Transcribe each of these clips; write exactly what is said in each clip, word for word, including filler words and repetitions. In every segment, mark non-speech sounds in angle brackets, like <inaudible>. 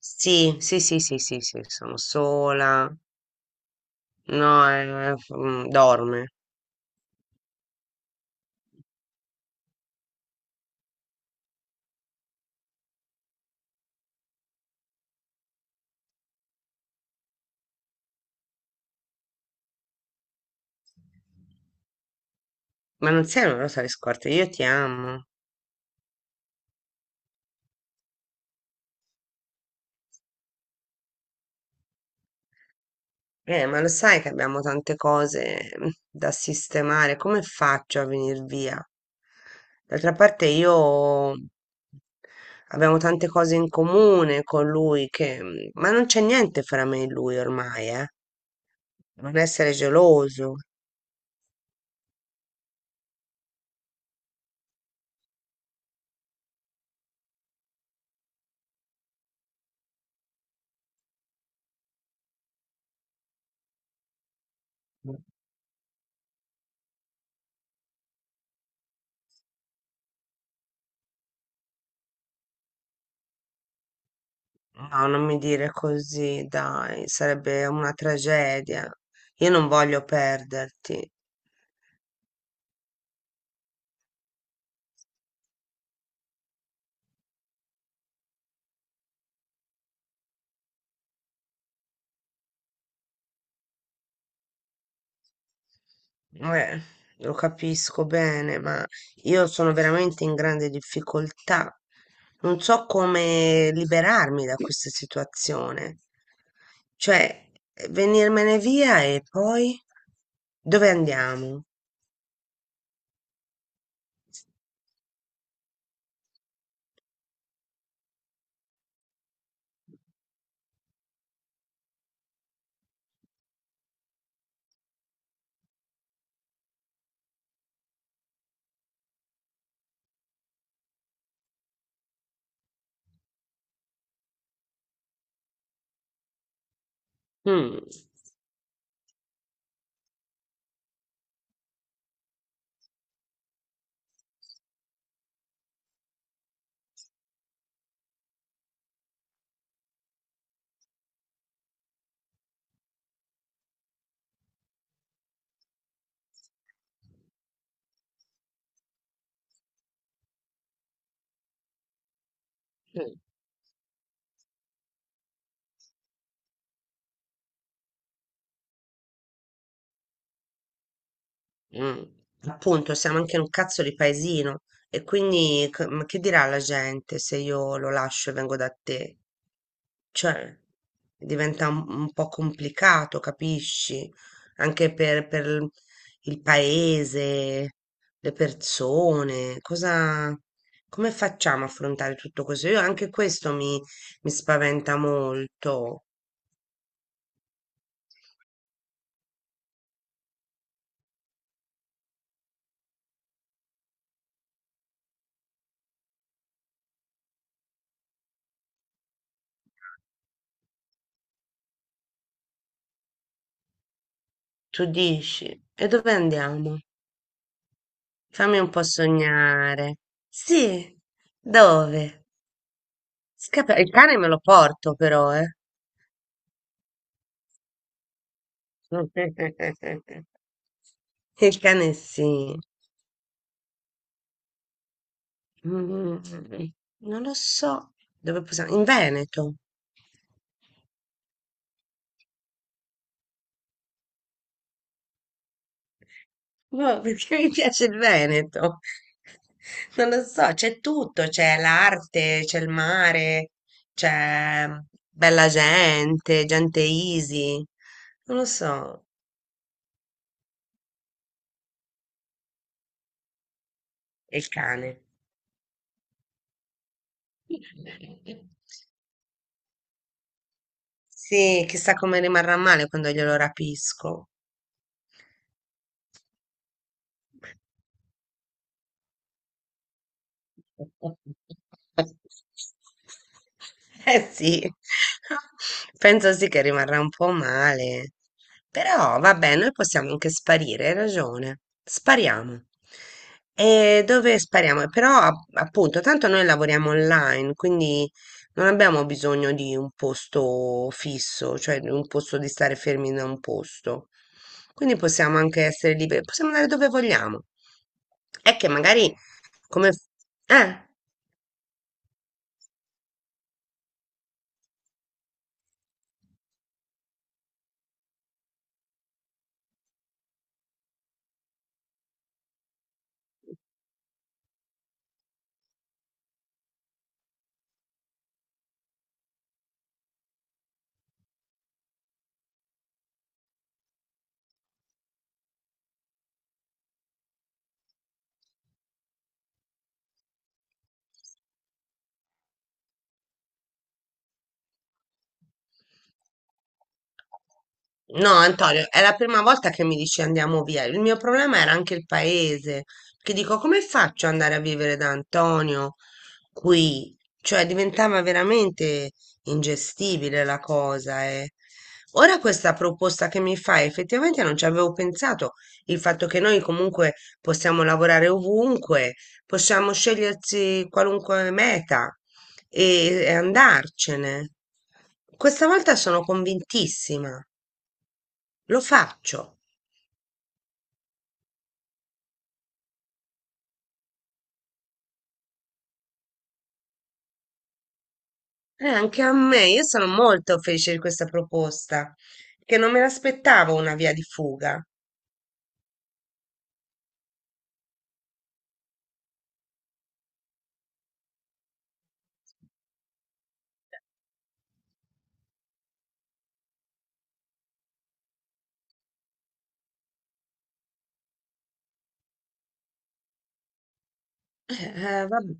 Sì, sì, sì, sì, sì, sì, sono sola. No, eh, eh, f- mm, dorme. Ma non sei una rosa di scorte, io ti amo. Eh, ma lo sai che abbiamo tante cose mm, da sistemare. Come faccio a venire via? D'altra parte io abbiamo tante cose in comune con lui che... mm, Ma non c'è niente fra me e lui ormai, eh. Non essere geloso. No, non mi dire così, dai, sarebbe una tragedia. Io non voglio perderti. Eh, lo capisco bene, ma io sono veramente in grande difficoltà. Non so come liberarmi da questa situazione. Cioè, eh, venirmene via e poi dove andiamo? Mm. Mm. Appunto, siamo anche un cazzo di paesino e quindi c- ma che dirà la gente se io lo lascio e vengo da te? Cioè, diventa un, un po' complicato, capisci? Anche per, per il il paese, le persone, cosa, come facciamo a affrontare tutto questo? Io anche questo mi, mi spaventa molto. Tu dici, e dove andiamo? Fammi un po' sognare. Sì, dove? Scappa- Il cane me lo porto però, eh. <laughs> Il cane sì. Mm, Non lo so. Dove possiamo? In Veneto. Boh, <laughs> perché mi piace il Veneto. <laughs> Non lo so, c'è tutto, c'è l'arte, c'è il mare, c'è mm, bella gente, gente easy. Non lo so. E il cane. <laughs> Sì, chissà come rimarrà male quando glielo rapisco. Eh sì, <laughs> penso sì che rimarrà un po' male, però vabbè, noi possiamo anche sparire, hai ragione, spariamo. E dove spariamo? Però a- appunto, tanto noi lavoriamo online, quindi non abbiamo bisogno di un posto fisso, cioè di un posto di stare fermi da un posto. Quindi possiamo anche essere liberi, possiamo andare dove vogliamo. È che magari come... f- Eh, no, Antonio, è la prima volta che mi dici andiamo via. Il mio problema era anche il paese, perché dico, come faccio ad andare a vivere da Antonio qui? Cioè, diventava veramente ingestibile la cosa, eh. Ora questa proposta che mi fai, effettivamente non ci avevo pensato, il fatto che noi comunque possiamo lavorare ovunque, possiamo scegliersi qualunque meta, e, e andarcene. Questa volta sono convintissima, lo faccio. E anche a me, io sono molto felice di questa proposta, che non me l'aspettavo una via di fuga. Eh, eh, vabbè,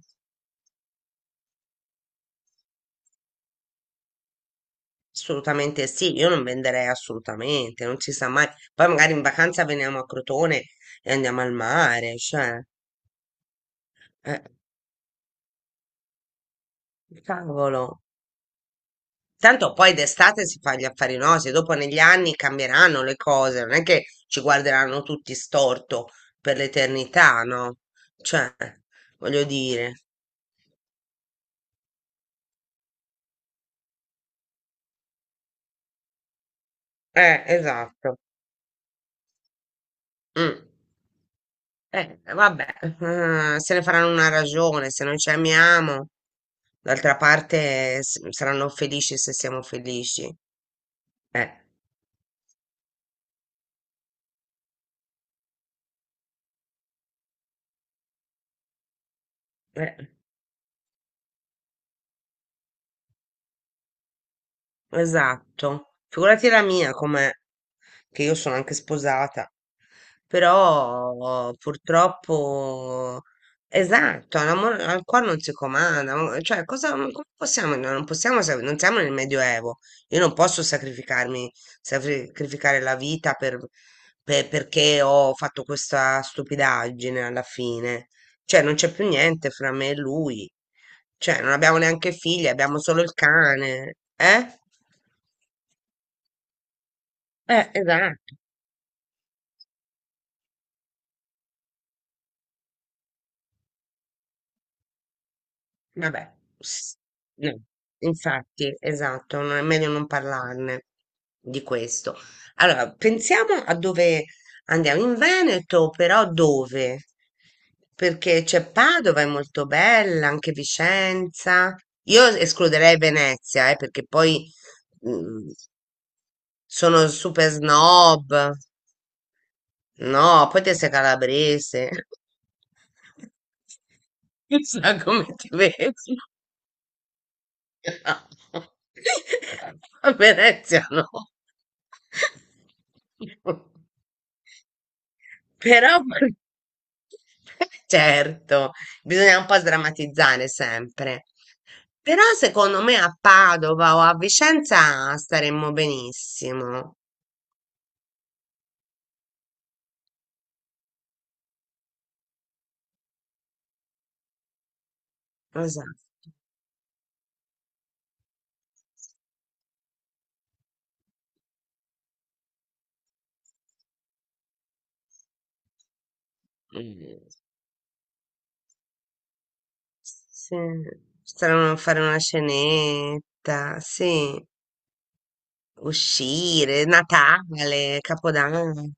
assolutamente sì, io non venderei assolutamente, non si sa mai. Poi magari in vacanza veniamo a Crotone e andiamo al mare, cioè, eh, cavolo. Tanto poi d'estate si fa gli affari nostri, dopo negli anni cambieranno le cose, non è che ci guarderanno tutti storto per l'eternità, no? Cioè, voglio dire, eh, esatto. Mm. Eh, vabbè, eh, se ne faranno una ragione, se noi ci amiamo, d'altra parte eh, s- saranno felici se siamo felici. Eh, eh, esatto. Figurati la mia, com'è, che io sono anche sposata. Però purtroppo, esatto, l'amore al cuore non si comanda, ma- cioè cosa, come possiamo, no, non possiamo, sa- non siamo nel Medioevo, io non posso sacrificarmi, sacrificare la vita per, per- perché ho fatto questa stupidaggine alla fine, cioè non c'è più niente fra me e lui, cioè non abbiamo neanche figli, abbiamo solo il cane, eh? Eh, esatto. Vabbè, s- no, infatti, esatto, non è meglio non parlarne di questo. Allora, pensiamo a dove andiamo, in Veneto, però dove? Perché c'è Padova, è molto bella, anche Vicenza. Io escluderei Venezia, eh, perché poi mm, sono super snob. No, poi te sei calabrese. <laughs> Chissà come ti vedi. <laughs> A Venezia no. Però, <laughs> certo, bisogna un po' sdrammatizzare sempre. Però secondo me a Padova o a Vicenza staremmo benissimo. Esatto. Mm. Sì, staremmo a fare una cenetta, sì. Uscire, Natale, Capodanno,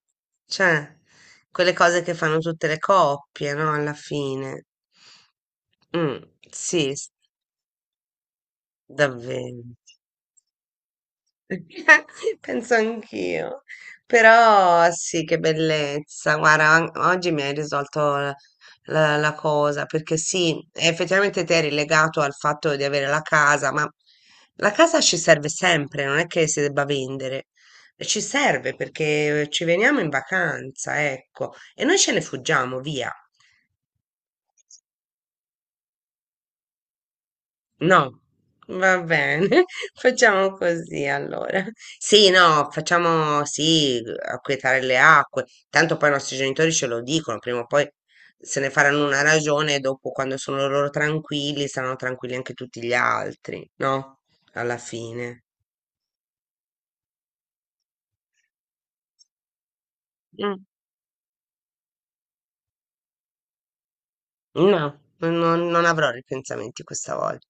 cioè quelle cose che fanno tutte le coppie, no? Alla fine. Mm, sì, s- Davvero. <laughs> Penso anch'io, però sì, che bellezza. Guarda, an- oggi mi hai risolto la, la- la cosa, perché sì, effettivamente te eri legato al fatto di avere la casa, ma la casa ci serve sempre, non è che si debba vendere. Ci serve perché ci veniamo in vacanza, ecco, e noi ce ne fuggiamo via. No, va bene, <laughs> facciamo così allora. Sì, no, facciamo sì, acquietare le acque. Tanto poi i nostri genitori ce lo dicono, prima o poi se ne faranno una ragione e dopo quando sono loro tranquilli, saranno tranquilli anche tutti gli altri, no? Alla fine. Mm, No, non, non avrò ripensamenti questa volta.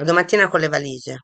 A domattina con le valigie.